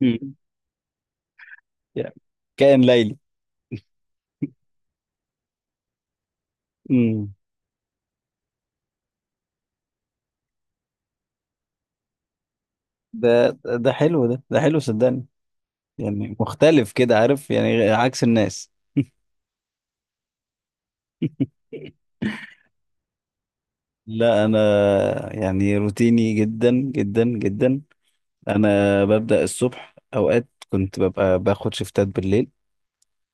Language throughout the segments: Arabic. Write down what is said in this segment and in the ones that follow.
مم. يعني كائن ليلي. مم. ده ده حلو. ده حلو، صدقني. يعني مختلف كده، عارف، يعني عكس الناس. لا، انا يعني روتيني جدا جدا جدا. انا ببدأ الصبح، اوقات كنت ببقى باخد شفتات بالليل.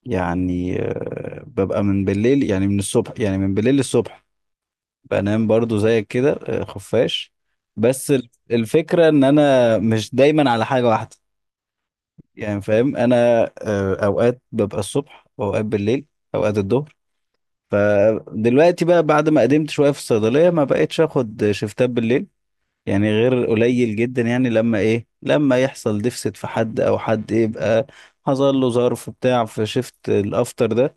يعني ببقى من بالليل، يعني من الصبح، يعني من بالليل للصبح. بنام برضو زيك كده، خفاش. بس الفكرة ان انا مش دايما على حاجة واحدة. يعني فاهم انا. اوقات ببقى الصبح واوقات بالليل، اوقات الظهر. فدلوقتي بقى بعد ما قدمت شويه في الصيدليه ما بقتش اخد شفتات بالليل، يعني غير قليل جدا، يعني لما ايه لما يحصل ديفست في حد، او حد يبقى حصل له ظرف بتاع في شفت الافتر ده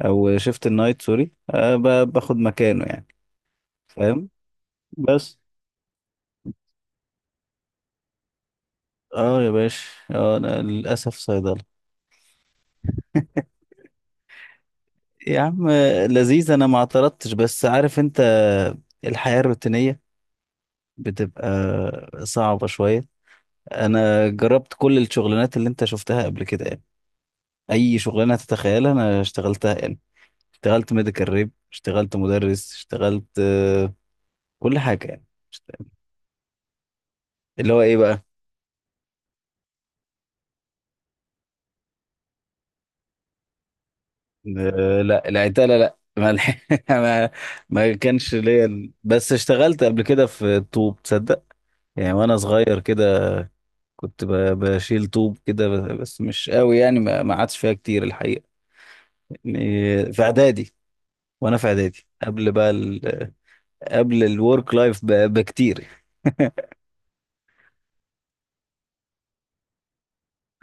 او شفت النايت. سوري، باخد مكانه يعني. فاهم. بس اه يا باشا، اه انا للاسف صيدله. يا عم، لذيذ، انا ما اعترضتش، بس عارف انت، الحياة الروتينية بتبقى صعبة شوية. انا جربت كل الشغلانات اللي انت شفتها قبل كده، يعني اي شغلانة تتخيلها انا اشتغلتها يعني. اشتغلت ميديكال ريب، اشتغلت مدرس، اشتغلت كل حاجة يعني. اللي هو ايه بقى؟ لا، العتالة لا، ما الح- ما كانش ليا. بس اشتغلت قبل كده في طوب، تصدق؟ يعني وانا صغير كده كنت بشيل طوب كده، بس مش قوي، يعني ما عادش فيها كتير الحقيقه. يعني في اعدادي، وانا في اعدادي قبل بقى قبل الورك لايف بكتير.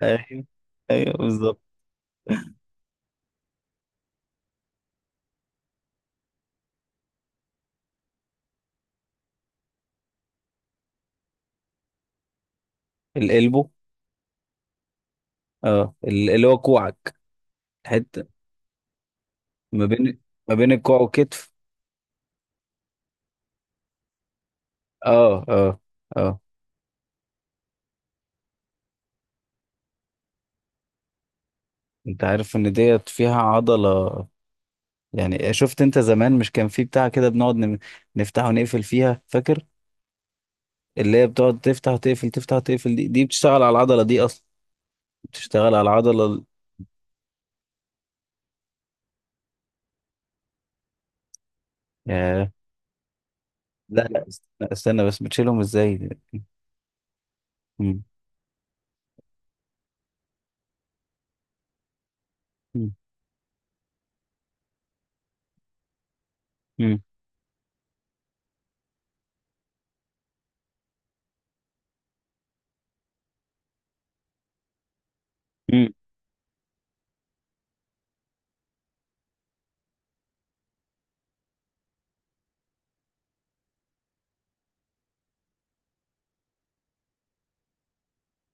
ايوه، ايوه، بالظبط. القلبه. اه، اللي هو كوعك. حته ما بين ما بين الكوع والكتف. اه، اه، اه، انت عارف ان ديت فيها عضله؟ يعني شفت انت زمان، مش كان في بتاع كده بنقعد نفتح ونقفل فيها، فاكر؟ اللي هي بتقعد تفتح تقفل تفتح تقفل، دي بتشتغل على العضلة دي أصلا. بتشتغل على العضلة. ياه. لا لا، لا، استنى بس، بتشيلهم ازاي؟ مم. مم. مم. مم.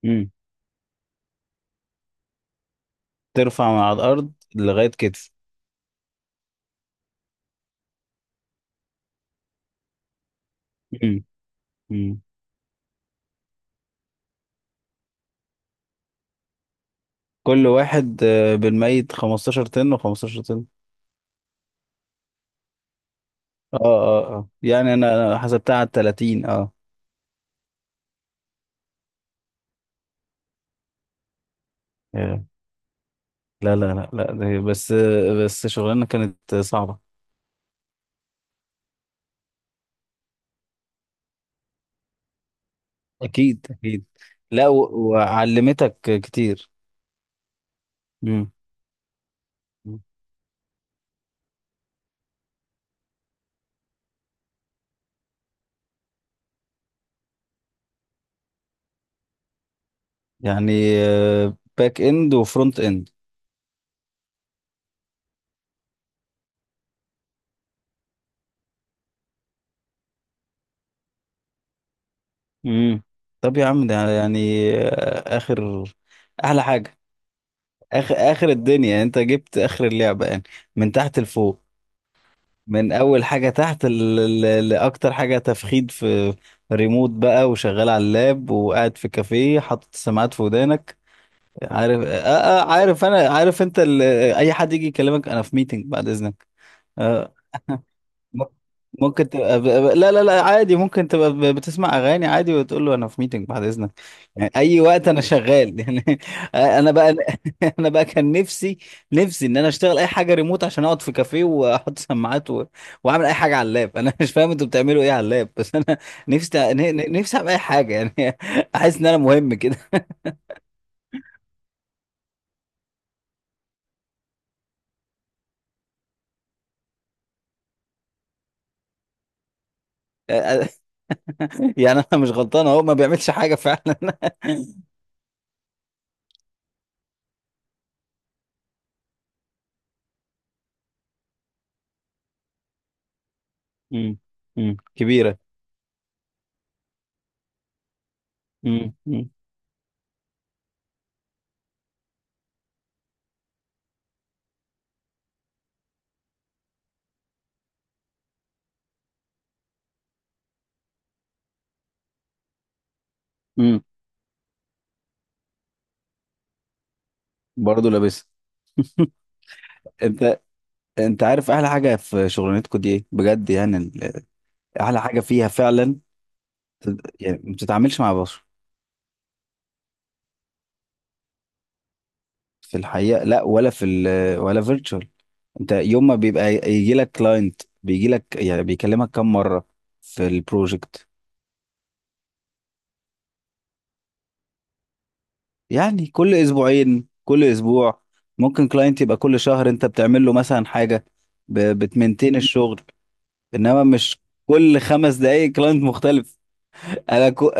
مم. ترفع من على الأرض لغاية كتف. مم. مم. كل واحد بالميت 15 طن و15 طن. اه، اه، اه، يعني انا حسبتها على 30. اه. ياه. لا لا لا لا، ده بس. بس شغلانة كانت صعبة. اكيد، اكيد. لا وعلمتك كتير. مم. يعني باك اند وفرونت اند. امم طب يا عم، ده يعني اخر احلى حاجه، اخر اخر الدنيا، يعني انت جبت اخر اللعبه يعني. من تحت لفوق، من اول حاجه تحت لاكتر حاجه تفخيد في. ريموت بقى وشغال على اللاب، وقاعد في كافيه حاطط السماعات في ودانك، عارف؟ عارف انا، عارف انت. اي حد يجي يكلمك، انا في ميتنج بعد اذنك. آه، م- ممكن تبقى. لا لا لا، عادي، ممكن تبقى بتسمع اغاني عادي، وتقول له انا في ميتنج بعد اذنك. يعني اي وقت انا شغال يعني. انا بقى. انا بقى كان نفسي ان انا اشتغل اي حاجه ريموت، عشان اقعد في كافيه واحط سماعات واعمل اي حاجه على اللاب. انا مش فاهم انتوا بتعملوا ايه على اللاب. بس انا نفسي، نفسي اعمل اي حاجه يعني. احس ان انا مهم كده. يعني انا مش غلطان اهو، ما بيعملش حاجه فعلا. امم كبيره. امم امم برضه لابس. انت انت عارف احلى حاجه في شغلانتكم دي ايه، بجد؟ يعني احلى حاجه فيها فعلا. يعني ما بتتعاملش مع بشر. في الحقيقه، لا، ولا في ال، ولا فيرتشوال. انت يوم ما بيبقى يجي لك كلاينت، بيجي لك يعني بيكلمك كم مره في البروجكت؟ يعني كل اسبوعين، كل اسبوع، ممكن كلاينت يبقى كل شهر. انت بتعمل له مثلا حاجه بتمنتين الشغل، انما مش كل 5 دقايق كلاينت مختلف. انا.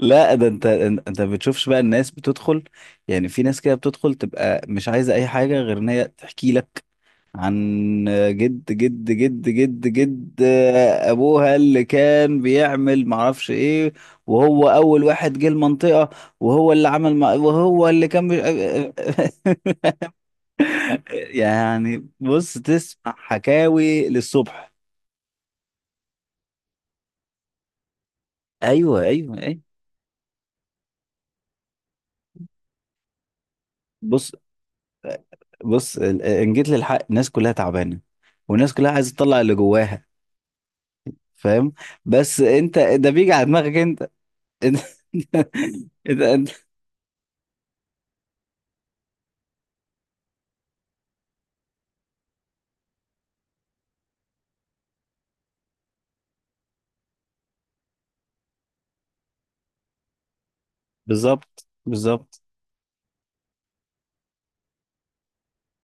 لا، ده انت ما بتشوفش بقى الناس بتدخل. يعني في ناس كده بتدخل تبقى مش عايزه اي حاجه غير ان هي تحكي لك عن جد جد جد جد جد، ابوها اللي كان بيعمل معرفش ايه، وهو اول واحد جه المنطقه، وهو اللي عمل مع، وهو اللي كان. يعني بص تسمع حكاوي للصبح. ايوه، ايوه، ايوه. بص، بص، ان جيت للحق الناس كلها تعبانه، والناس كلها عايزه تطلع اللي جواها، فاهم؟ بس انت ده بيجي على دماغك انت. انت, انت, انت. بالظبط، بالظبط.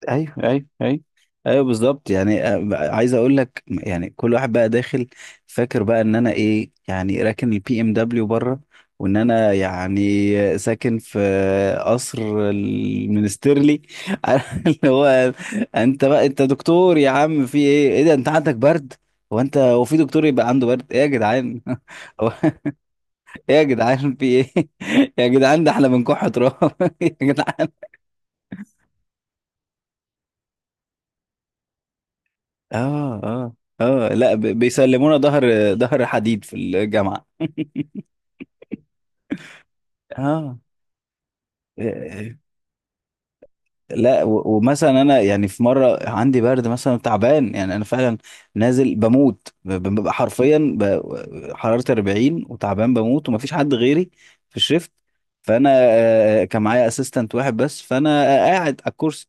ايوه، ايوه، ايوه، ايوه، بالظبط. يعني عايز اقول لك يعني كل واحد بقى داخل، فاكر بقى ان انا ايه، يعني راكن البي ام دبليو بره، وان انا يعني ساكن في قصر المنسترلي. اللي هو، انت بقى انت دكتور يا عم، في ايه ايه ده، انت عندك برد؟ هو انت، هو في دكتور يبقى عنده برد، ايه يا جدعان؟ ايه يا جدعان في ايه؟ يا جدعان ده احنا بنكح تراب، يا جدعان. اه، اه، اه، لا، بيسلمونا ظهر حديد في الجامعة. اه، لا ومثلا انا يعني في مره عندي برد مثلا، تعبان، يعني انا فعلا نازل بموت، ببقى حرفيا حرارتي 40 وتعبان بموت، ومفيش حد غيري في الشيفت. فانا كان معايا اسيستنت واحد بس، فانا قاعد على الكرسي.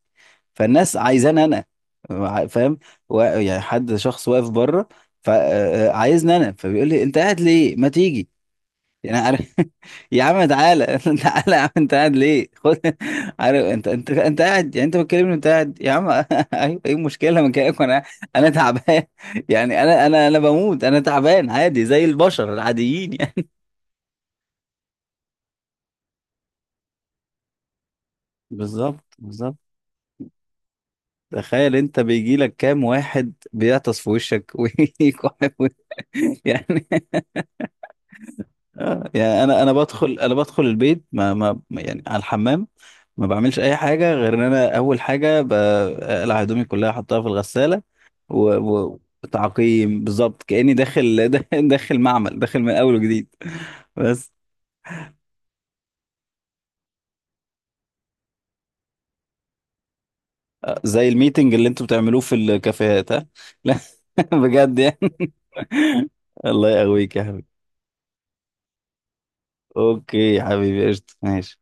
فالناس عايزاني انا، فاهم؟ يعني حد شخص واقف بره، فعايزني انا، فبيقول لي انت قاعد ليه، ما تيجي؟ يعني عارف، يا عم تعالى، تعالى يا عم، انت قاعد ليه، خد. عارف، انت قاعد، يعني انت بتكلمني انت قاعد يا عم. ايوه، ايه المشكله من كلامك؟ انا تعبان، يعني انا بموت، انا تعبان عادي زي البشر العاديين يعني. بالظبط، بالظبط. تخيل انت بيجي لك كام واحد بيعطس في وشك، ويكحف يعني يعني انا انا بدخل انا بدخل البيت، يعني على الحمام ما بعملش اي حاجه غير ان انا اول حاجه بقلع هدومي كلها احطها في الغساله. و... و... تعقيم بالظبط، كاني داخل داخل معمل، داخل من اول وجديد. بس زي الميتنج اللي انتوا بتعملوه في الكافيهات، ها. لا. بجد يعني. الله يقويك يا حبيبي. اوكي يا حبيبي، قشطه، ماشي.